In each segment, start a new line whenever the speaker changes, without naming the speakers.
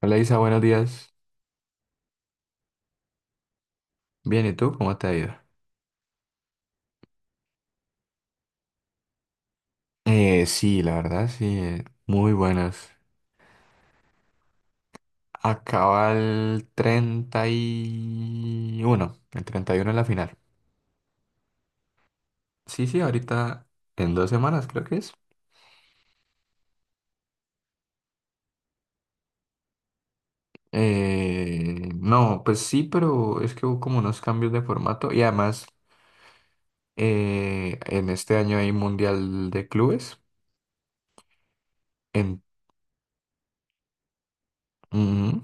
Hola Isa, buenos días. Bien, ¿y tú? ¿Cómo te ha ido? Sí, la verdad, sí, muy buenas. Acaba el 31, el 31 es la final. Sí, sí, ahorita en 2 semanas creo que es. No, pues sí, pero es que hubo como unos cambios de formato y además en este año hay Mundial de Clubes. En, Ujú.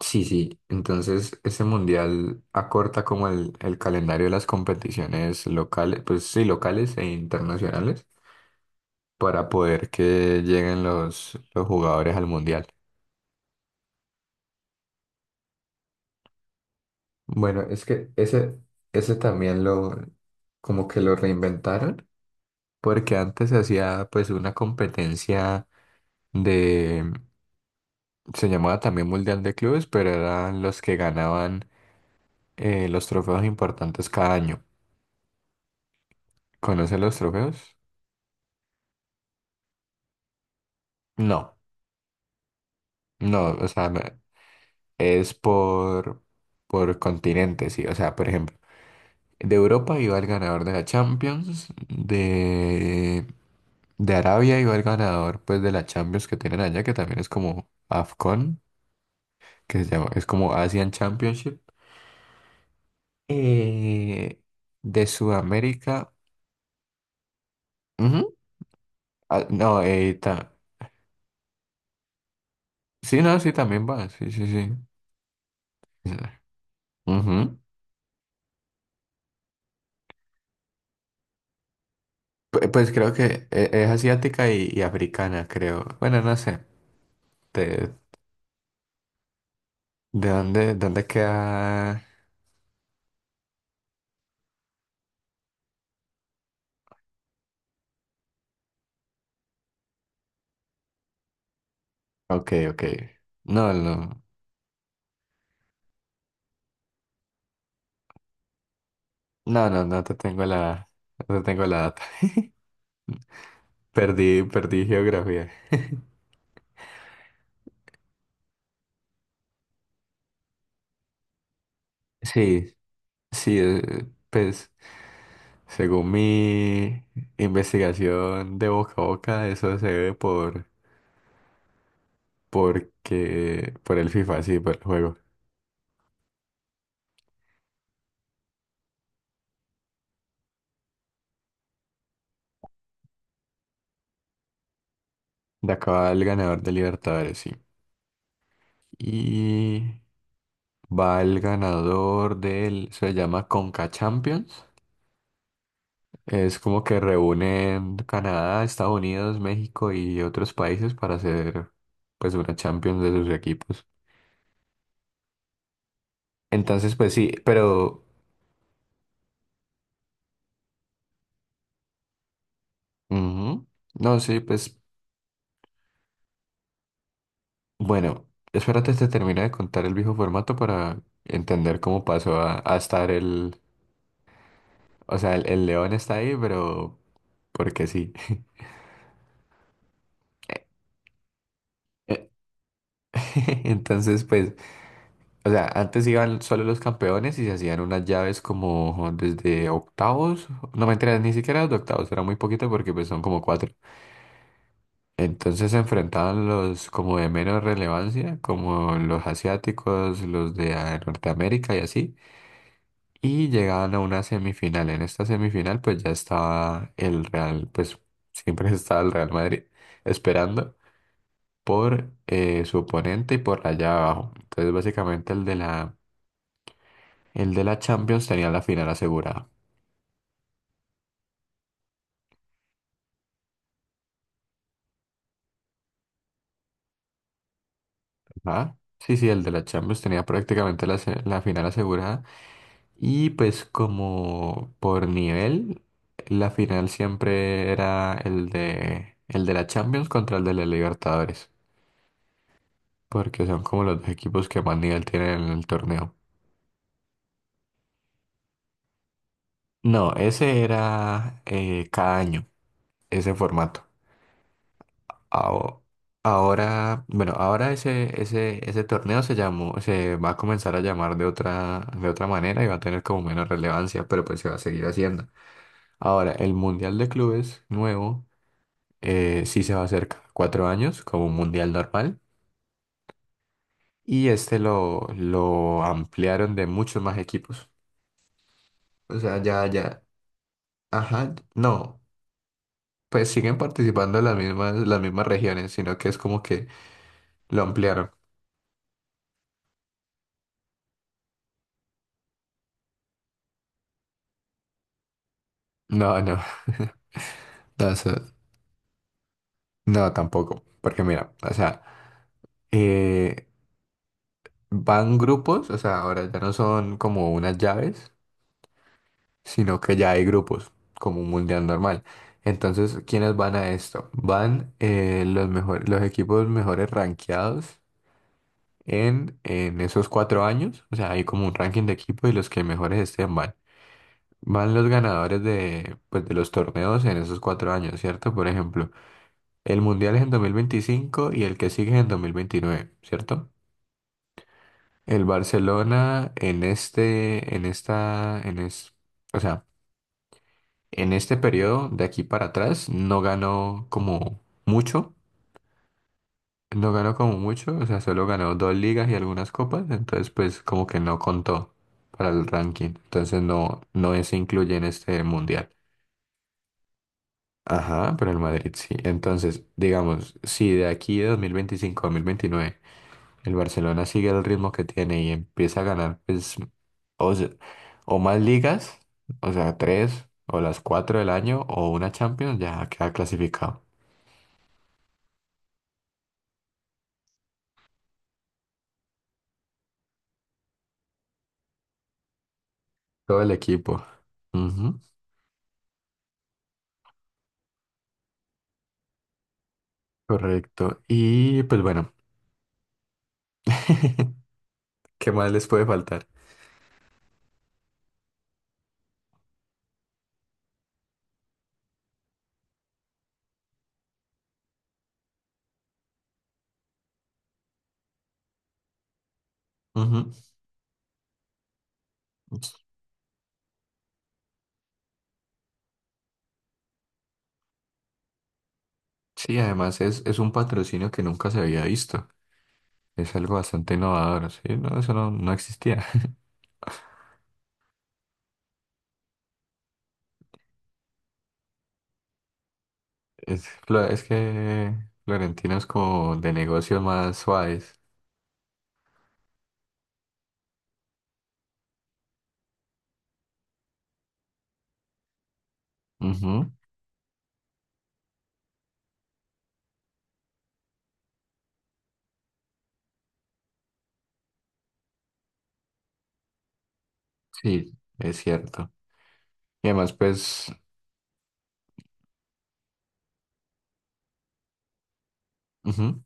Sí, sí, entonces ese mundial acorta como el calendario de las competiciones locales, pues sí, locales e internacionales, para poder que lleguen los jugadores al mundial. Bueno, es que ese también como que lo reinventaron, porque antes se hacía pues una competencia de, se llamaba también Mundial de Clubes, pero eran los que ganaban los trofeos importantes cada año. ¿Conocen los trofeos? No. No, o sea, es por continentes, sí. O sea, por ejemplo, de Europa iba el ganador de la Champions, de Arabia iba el ganador pues de la Champions que tienen allá, que también es como AFCON, que se llama, es como Asian Championship. Eh, de Sudamérica. Ujú. Ah, no. Sí, no, sí, también va, sí, sí, sí. Ujú. Pues creo que es asiática y africana, creo. Bueno, no sé. ¿De, de dónde queda? Ok, ok. No, no, no, no, no te tengo la data. Perdí geografía. Sí, sí, pues según mi investigación de boca a boca, eso se ve por el FIFA, sí, por el juego. De acá va el ganador de Libertadores, sí. Y va el ganador se llama Conca Champions. Es como que reúnen Canadá, Estados Unidos, México y otros países para hacer pues una Champions de sus equipos. Entonces, pues sí, pero ujú. No, sí, pues bueno, espérate, te termina de contar el viejo formato para entender cómo pasó a estar o sea, el León está ahí, pero porque sí. Eh, Entonces, pues, o sea, antes iban solo los campeones y se hacían unas llaves como desde octavos. No me enteré, ni siquiera los de octavos, era muy poquito porque pues son como cuatro. Entonces se enfrentaban los como de menos relevancia, como los asiáticos, los de Norteamérica y así. Y llegaban a una semifinal. En esta semifinal pues ya estaba pues siempre estaba el Real Madrid esperando por su oponente y por allá abajo. Entonces básicamente el de la Champions tenía la final asegurada. ¿Ah? Sí, sí, el de la Champions tenía prácticamente la final asegurada. Y pues como por nivel, la final siempre era el de la Champions contra el de la Libertadores. Porque son como los dos equipos que más nivel tienen en el torneo. No, ese era cada año, ese formato. Aho- Ahora, bueno, ahora ese torneo se va a comenzar a llamar de otra manera y va a tener como menos relevancia, pero pues se va a seguir haciendo. Ahora, el Mundial de Clubes nuevo, sí se va a hacer cada 4 años como un Mundial normal y este lo ampliaron de muchos más equipos. O sea, ya, ya, ajá, no, pues siguen participando las mismas regiones, sino que es como que lo ampliaron. No, no. No, eso, no, tampoco, porque mira, o sea, eh, van grupos, o sea, ahora ya no son como unas llaves, sino que ya hay grupos, como un mundial normal. Entonces, ¿quiénes van a esto? Van los equipos mejores rankeados en esos 4 años, o sea, hay como un ranking de equipo y los que mejores estén van. Van los ganadores de, pues, de los torneos en esos 4 años, ¿cierto? Por ejemplo, el mundial es en 2025 y el que sigue es en 2029, ¿cierto? El Barcelona en este, en esta, en es, o sea, en este periodo de aquí para atrás no ganó como mucho, o sea, solo ganó dos ligas y algunas copas, entonces pues como que no contó para el ranking, entonces no se incluye en este mundial. Ajá, pero el Madrid sí. Entonces, digamos, si de aquí de 2025 a 2029 el Barcelona sigue el ritmo que tiene y empieza a ganar pues O, se- o más ligas, o sea, tres o las cuatro del año o una Champions, ya queda clasificado. Todo el equipo. Ujú, correcto. Y pues bueno, ¿qué más les puede faltar? Ujú. Sí, además es un patrocinio que nunca se había visto. Es algo bastante innovador, ¿sí? No, eso no existía. Es que Florentino es como de negocios más suaves. Ujú. Sí, es cierto. Y además, pues... ujú.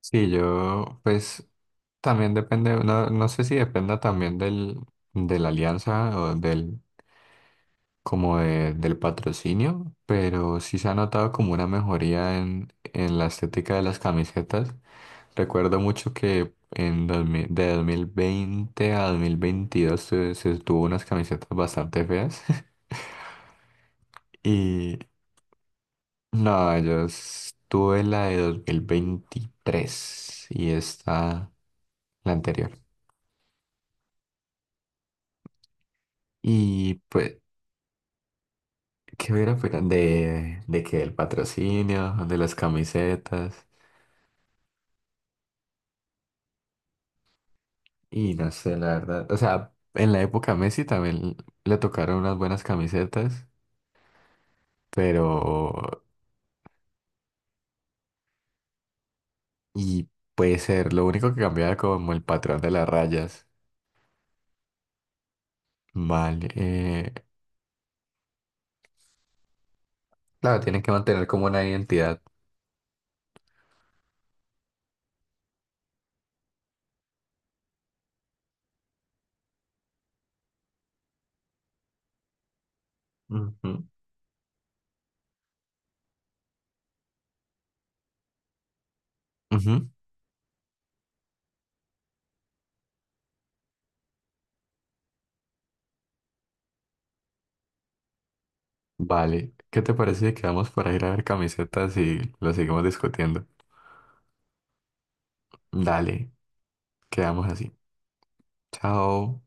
Sí, yo, pues también depende, no, no sé si dependa también de la alianza o del patrocinio, pero sí se ha notado como una mejoría en la estética de las camisetas. Recuerdo mucho que en 2000 de 2020 a 2022 se tuvo unas camisetas bastante feas y no, yo tuve la de 2023 y esta la anterior. Y pues ¿qué hubiera opinan de que el patrocinio, de las camisetas? Y no sé, la verdad. O sea, en la época Messi también le tocaron unas buenas camisetas, pero. Y puede ser, lo único que cambiaba como el patrón de las rayas. Vale. Claro, tienen que mantener como una identidad. Ujú, ujú. Vale. ¿Qué te parece si quedamos para ir a ver camisetas y lo seguimos discutiendo? Dale, quedamos así. Chao.